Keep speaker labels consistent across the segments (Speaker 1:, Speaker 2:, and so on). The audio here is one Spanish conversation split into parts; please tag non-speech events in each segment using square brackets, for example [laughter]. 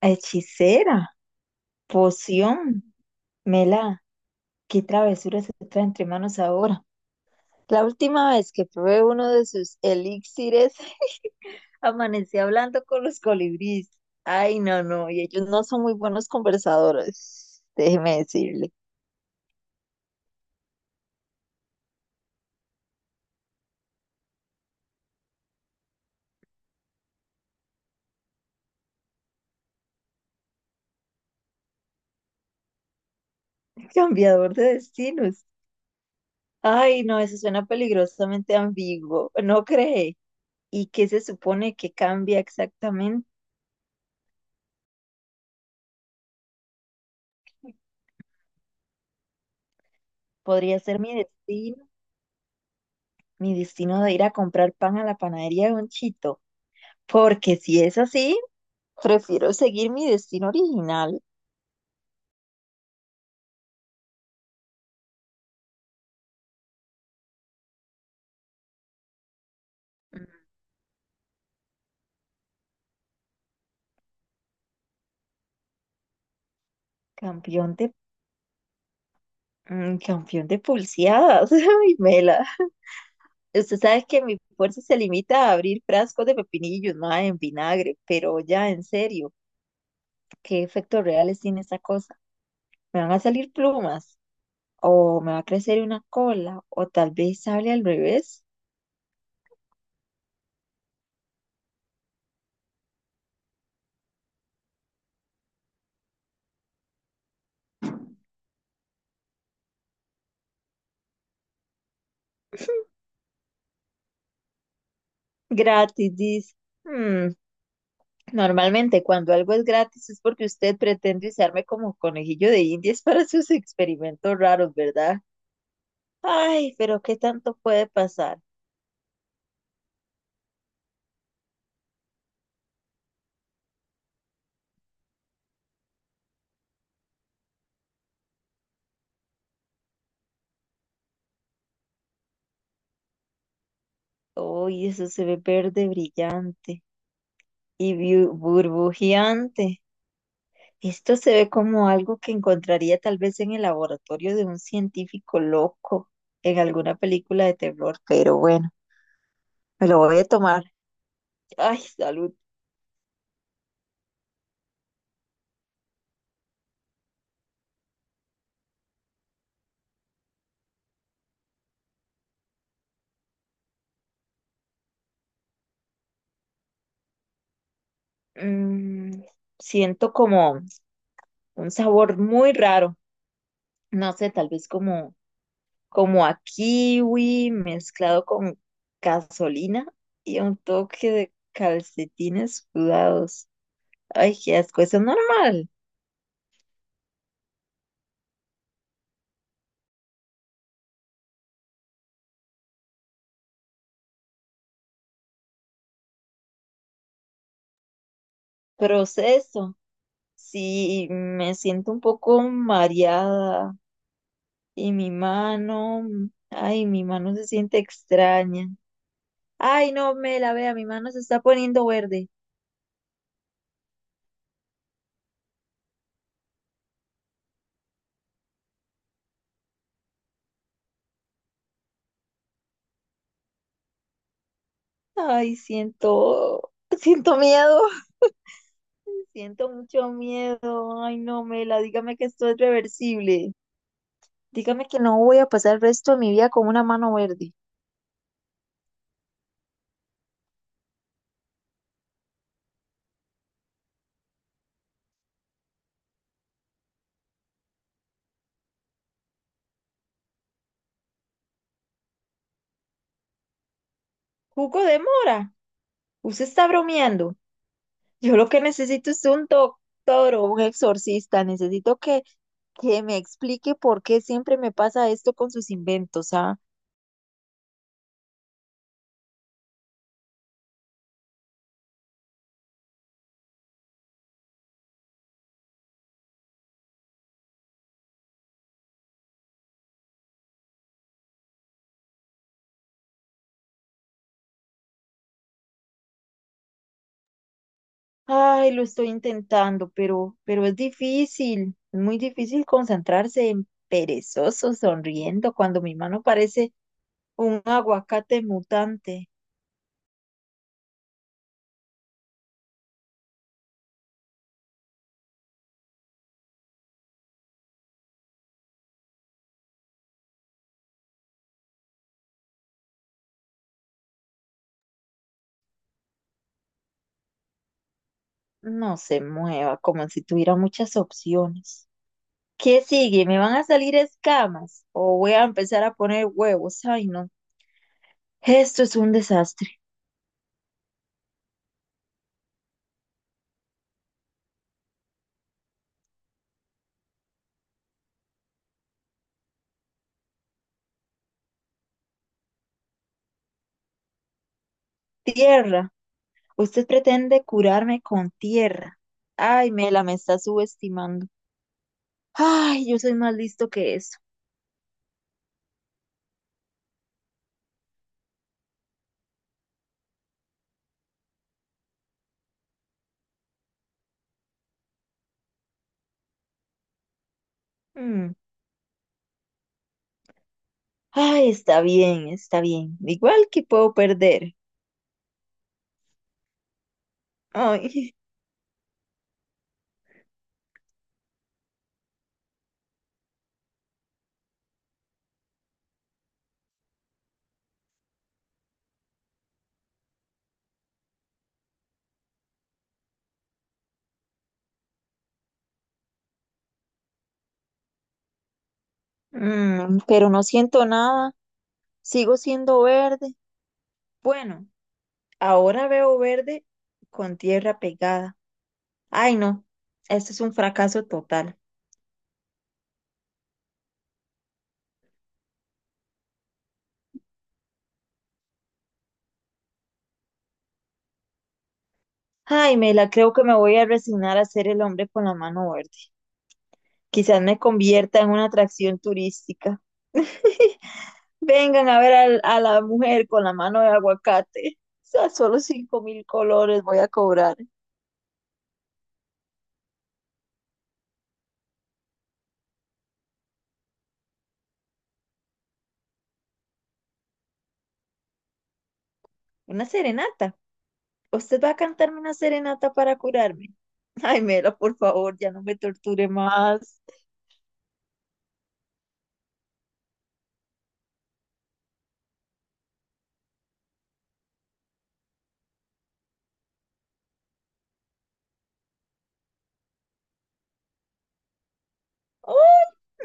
Speaker 1: Hechicera, poción, mela, qué travesura se trae entre manos ahora. La última vez que probé uno de sus elixires, [laughs] amanecí hablando con los colibríes. Ay, no, no, y ellos no son muy buenos conversadores, [laughs] déjeme decirle. Cambiador de destinos. Ay, no, eso suena peligrosamente ambiguo, ¿no cree? ¿Y qué se supone que cambia exactamente? Podría ser mi destino de ir a comprar pan a la panadería de un chito. Porque si es así, prefiero seguir mi destino original. Mm, campeón de, campeón de pulseadas. [laughs] Ay, Mela. Usted sabe que mi fuerza se limita a abrir frascos de pepinillos, ma, en vinagre, pero ya en serio, ¿qué efectos reales tiene esa cosa? ¿Me van a salir plumas? ¿O me va a crecer una cola? ¿O tal vez sale al revés? Gratis, dice. Mm, normalmente, cuando algo es gratis es porque usted pretende usarme como conejillo de indias [laughs] para sus experimentos raros, ¿verdad? Ay, pero ¿qué tanto puede pasar? Uy, eso se ve verde brillante y burbujeante. Esto se ve como algo que encontraría tal vez en el laboratorio de un científico loco en alguna película de terror, pero bueno, me lo voy a tomar. Ay, salud. Mm, siento como un sabor muy raro. No sé, tal vez como, como a kiwi mezclado con gasolina y un toque de calcetines sudados. Ay, qué asco, eso es normal. Proceso. Sí, me siento un poco mareada y mi mano, ay, mi mano se siente extraña. Ay, no me la vea, mi mano se está poniendo verde. Ay, siento, [laughs] siento miedo. Siento mucho miedo. Ay, no, Mela, dígame que esto es reversible. Dígame que no voy a pasar el resto de mi vida con una mano verde. Jugo de mora. Usted está bromeando. Yo lo que necesito es un doctor o un exorcista. Necesito que, me explique por qué siempre me pasa esto con sus inventos, ¿ah? Ay, lo estoy intentando, pero es difícil. Es muy difícil concentrarse en perezoso, sonriendo, cuando mi mano parece un aguacate mutante. No se mueva, como si tuviera muchas opciones. ¿Qué sigue? ¿Me van a salir escamas? ¿O voy a empezar a poner huevos? Ay, no. Esto es un desastre. Tierra. Usted pretende curarme con tierra. Ay, Mela, me está subestimando. Ay, yo soy más listo que eso. Mm. Ay, está bien, está bien. Igual que puedo perder. Ay, [laughs] mm, pero no siento nada. Sigo siendo verde. Bueno, ahora veo verde con tierra pegada. Ay, no, esto es un fracaso total. Ay, Mela, creo que me voy a resignar a ser el hombre con la mano verde. Quizás me convierta en una atracción turística. [laughs] Vengan a ver a la mujer con la mano de aguacate. O sea, solo 5.000 colores voy a cobrar. Una serenata. ¿Usted va a cantarme una serenata para curarme? Ay, Mela, por favor, ya no me torture más. ¡Oh!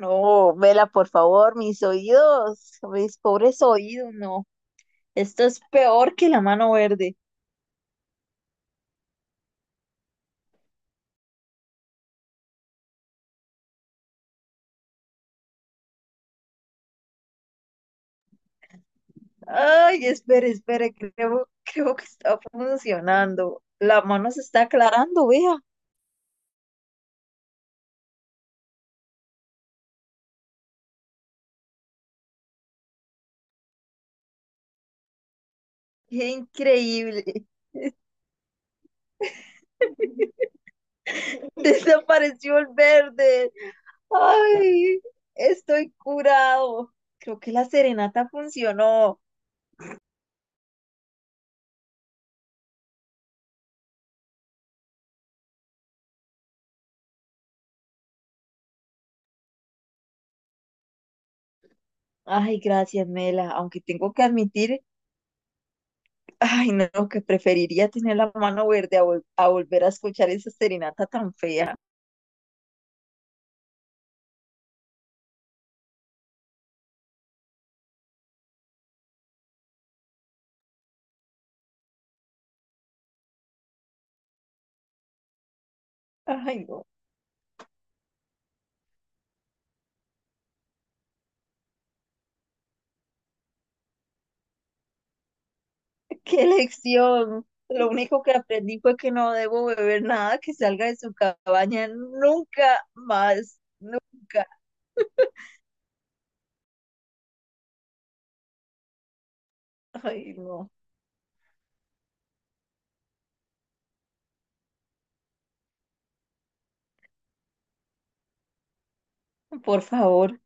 Speaker 1: No, Vela, por favor, mis oídos, mis pobres oídos, no. Esto es peor que la mano verde. Ay, espere, espere, creo, que está funcionando. La mano se está aclarando, vea. Qué increíble. [laughs] Desapareció el verde. Ay, estoy curado. Creo que la serenata funcionó. Ay, gracias, Mela. Aunque tengo que admitir, ay, no, que preferiría tener la mano verde a, volver a escuchar esa serenata tan fea. Ay, no, [laughs] qué lección. Lo único que aprendí fue que no debo beber nada que salga de su cabaña nunca más, nunca. Ay, no, por favor.